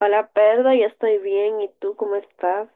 Hola Pedro, yo estoy bien. ¿Y tú cómo estás?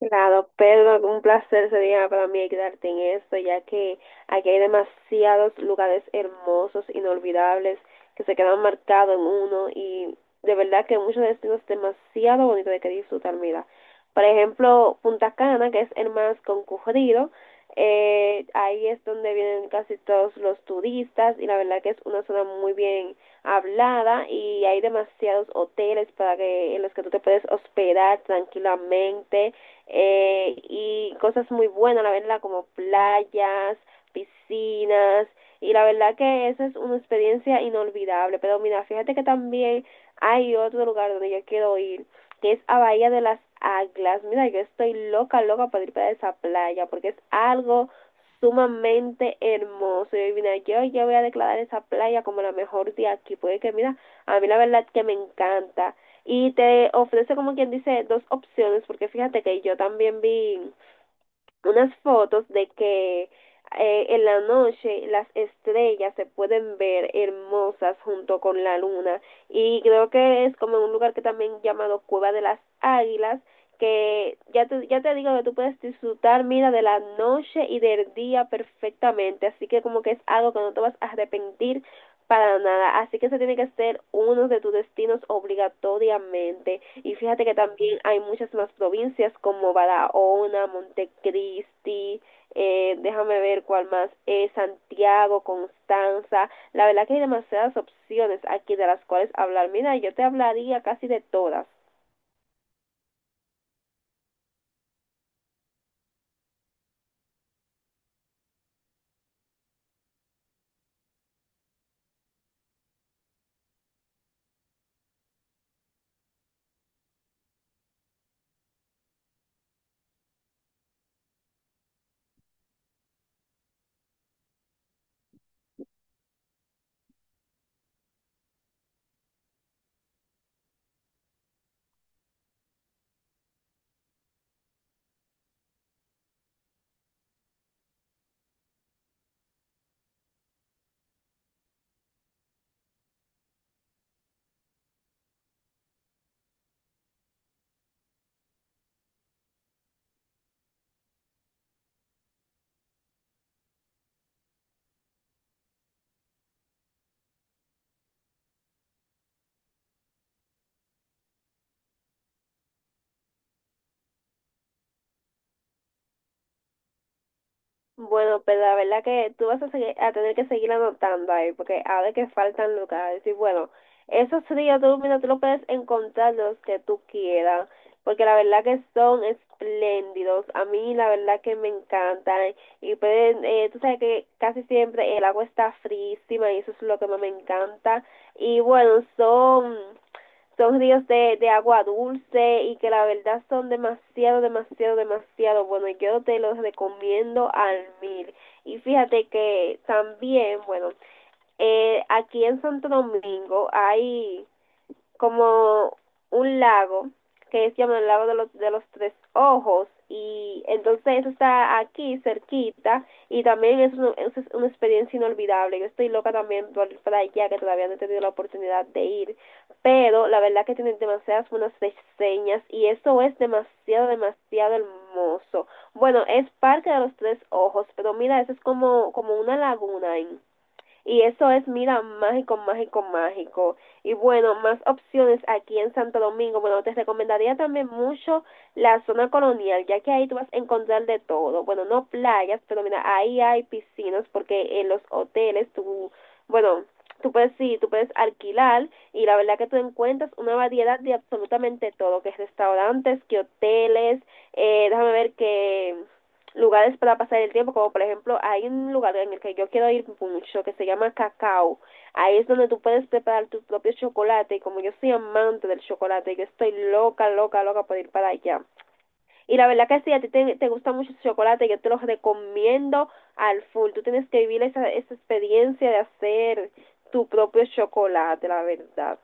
Claro, Pedro, un placer sería para mí ayudarte en esto, ya que aquí hay demasiados lugares hermosos, inolvidables, que se quedan marcados en uno y de verdad que muchos destinos demasiado bonitos de que disfrutar, mira. Por ejemplo, Punta Cana, que es el más concurrido, ahí es donde vienen casi todos los turistas y la verdad que es una zona muy bien hablada y hay demasiados hoteles para que en los que tú te puedes hospedar tranquilamente y cosas muy buenas, la verdad, como playas, piscinas, y la verdad que esa es una experiencia inolvidable. Pero mira, fíjate que también hay otro lugar donde yo quiero ir, que es a Bahía de las Águilas. Mira, yo estoy loca, loca para ir para esa playa, porque es algo sumamente hermoso. Y mira, yo ya voy a declarar esa playa como la mejor de aquí, porque que mira, a mí la verdad que me encanta y te ofrece como quien dice dos opciones porque fíjate que yo también vi unas fotos de que en la noche las estrellas se pueden ver hermosas junto con la luna y creo que es como un lugar que también llamado Cueva de las Águilas que ya te digo que tú puedes disfrutar, mira, de la noche y del día perfectamente, así que como que es algo que no te vas a arrepentir para nada. Así que se tiene que ser uno de tus destinos obligatoriamente. Y fíjate que también hay muchas más provincias como Barahona, Montecristi, déjame ver cuál más, Santiago, Constanza. La verdad que hay demasiadas opciones aquí de las cuales hablar. Mira, yo te hablaría casi de todas. Bueno, pero la verdad que tú vas a tener que seguir anotando ahí, porque ahora que faltan lugares. Y bueno, esos ríos tú, mira, tú lo puedes encontrar los que tú quieras, porque la verdad que son espléndidos. A mí la verdad que me encantan. Y pueden, tú sabes que casi siempre el agua está frísima y eso es lo que más me encanta. Y bueno, son ríos de agua dulce y que la verdad son demasiado, demasiado, demasiado buenos. Yo te los recomiendo al mil. Y fíjate que también, bueno, aquí en Santo Domingo hay como un lago que es llamado el lago de los tres ojos y entonces eso está aquí cerquita y también es una experiencia inolvidable. Yo estoy loca también para allá que todavía no he tenido la oportunidad de ir, pero la verdad que tienen demasiadas buenas reseñas y eso es demasiado, demasiado hermoso. Bueno, es Parque de los Tres Ojos, pero mira, eso es como, como una laguna. ¿Eh? Y eso es, mira, mágico, mágico, mágico. Y bueno, más opciones aquí en Santo Domingo. Bueno, te recomendaría también mucho la zona colonial, ya que ahí tú vas a encontrar de todo. Bueno, no playas, pero mira, ahí hay piscinas porque en los hoteles tú, bueno, tú puedes, sí, tú puedes alquilar y la verdad que tú encuentras una variedad de absolutamente todo, que es restaurantes, que hoteles, déjame ver que lugares para pasar el tiempo, como por ejemplo, hay un lugar en el que yo quiero ir mucho que se llama Cacao. Ahí es donde tú puedes preparar tu propio chocolate y como yo soy amante del chocolate, yo estoy loca, loca, loca por ir para allá. Y la verdad que si a ti te gusta mucho el chocolate, yo te lo recomiendo al full. Tú tienes que vivir esa experiencia de hacer tu propio chocolate, la verdad.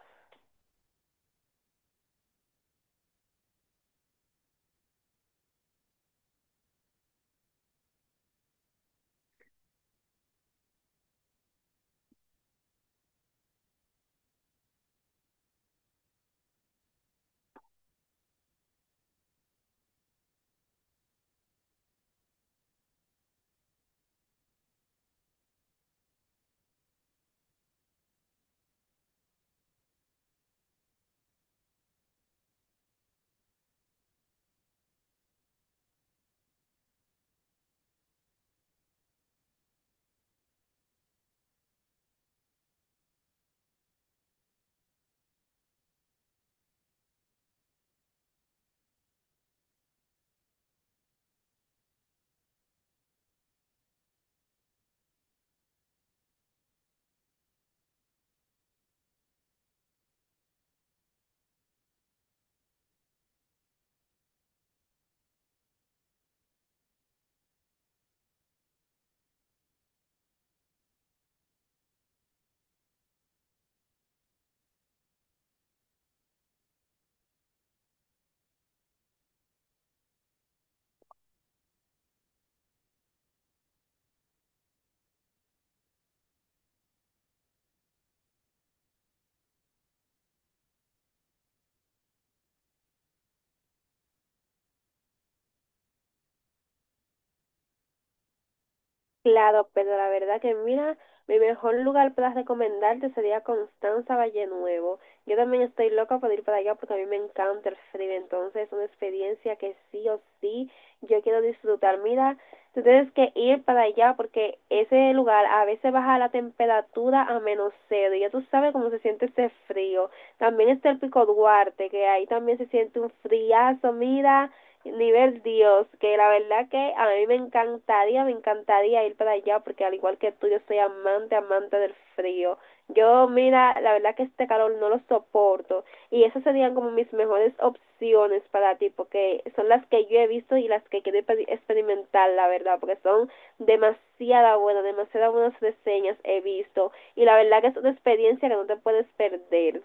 Claro, pero la verdad que mira, mi mejor lugar para recomendarte sería Constanza Valle Nuevo. Yo también estoy loca por ir para allá porque a mí me encanta el frío, entonces es una experiencia que sí o sí yo quiero disfrutar. Mira, tú tienes que ir para allá porque ese lugar a veces baja la temperatura a menos cero y ya tú sabes cómo se siente ese frío. También está el Pico Duarte, que ahí también se siente un friazo, mira nivel Dios, que la verdad que a mí me encantaría ir para allá, porque al igual que tú, yo soy amante, amante del frío. Yo, mira, la verdad que este calor no lo soporto. Y esas serían como mis mejores opciones para ti, porque son las que yo he visto y las que quiero experimentar, la verdad, porque son demasiada buenas, demasiadas buenas reseñas he visto. Y la verdad que es una experiencia que no te puedes perder.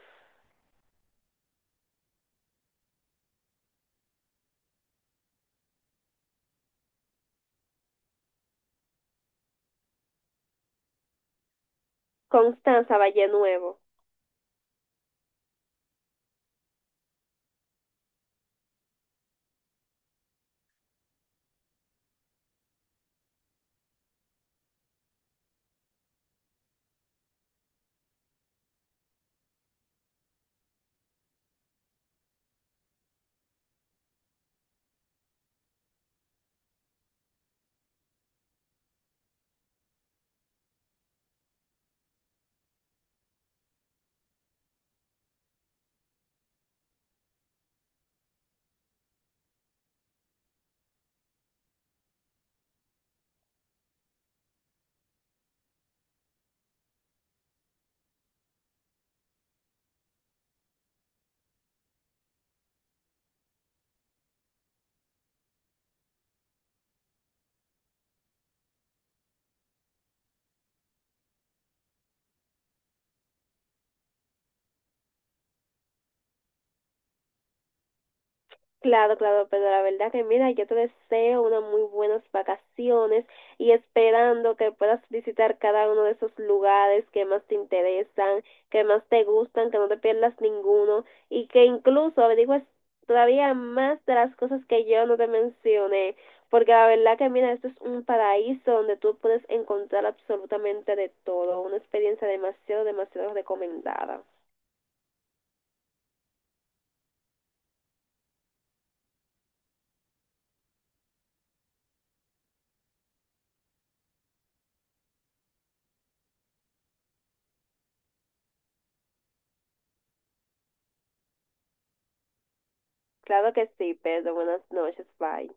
Constanza Valle Nuevo. Claro, claro, pero la verdad que mira, yo te deseo unas muy buenas vacaciones y esperando que puedas visitar cada uno de esos lugares que más te interesan, que más te gustan, que no te pierdas ninguno y que incluso averigües todavía más de las cosas que yo no te mencioné, porque la verdad que mira, esto es un paraíso donde tú puedes encontrar absolutamente de todo, una experiencia demasiado, demasiado recomendada. Claro que sí, Pedro, buenas noches, bye.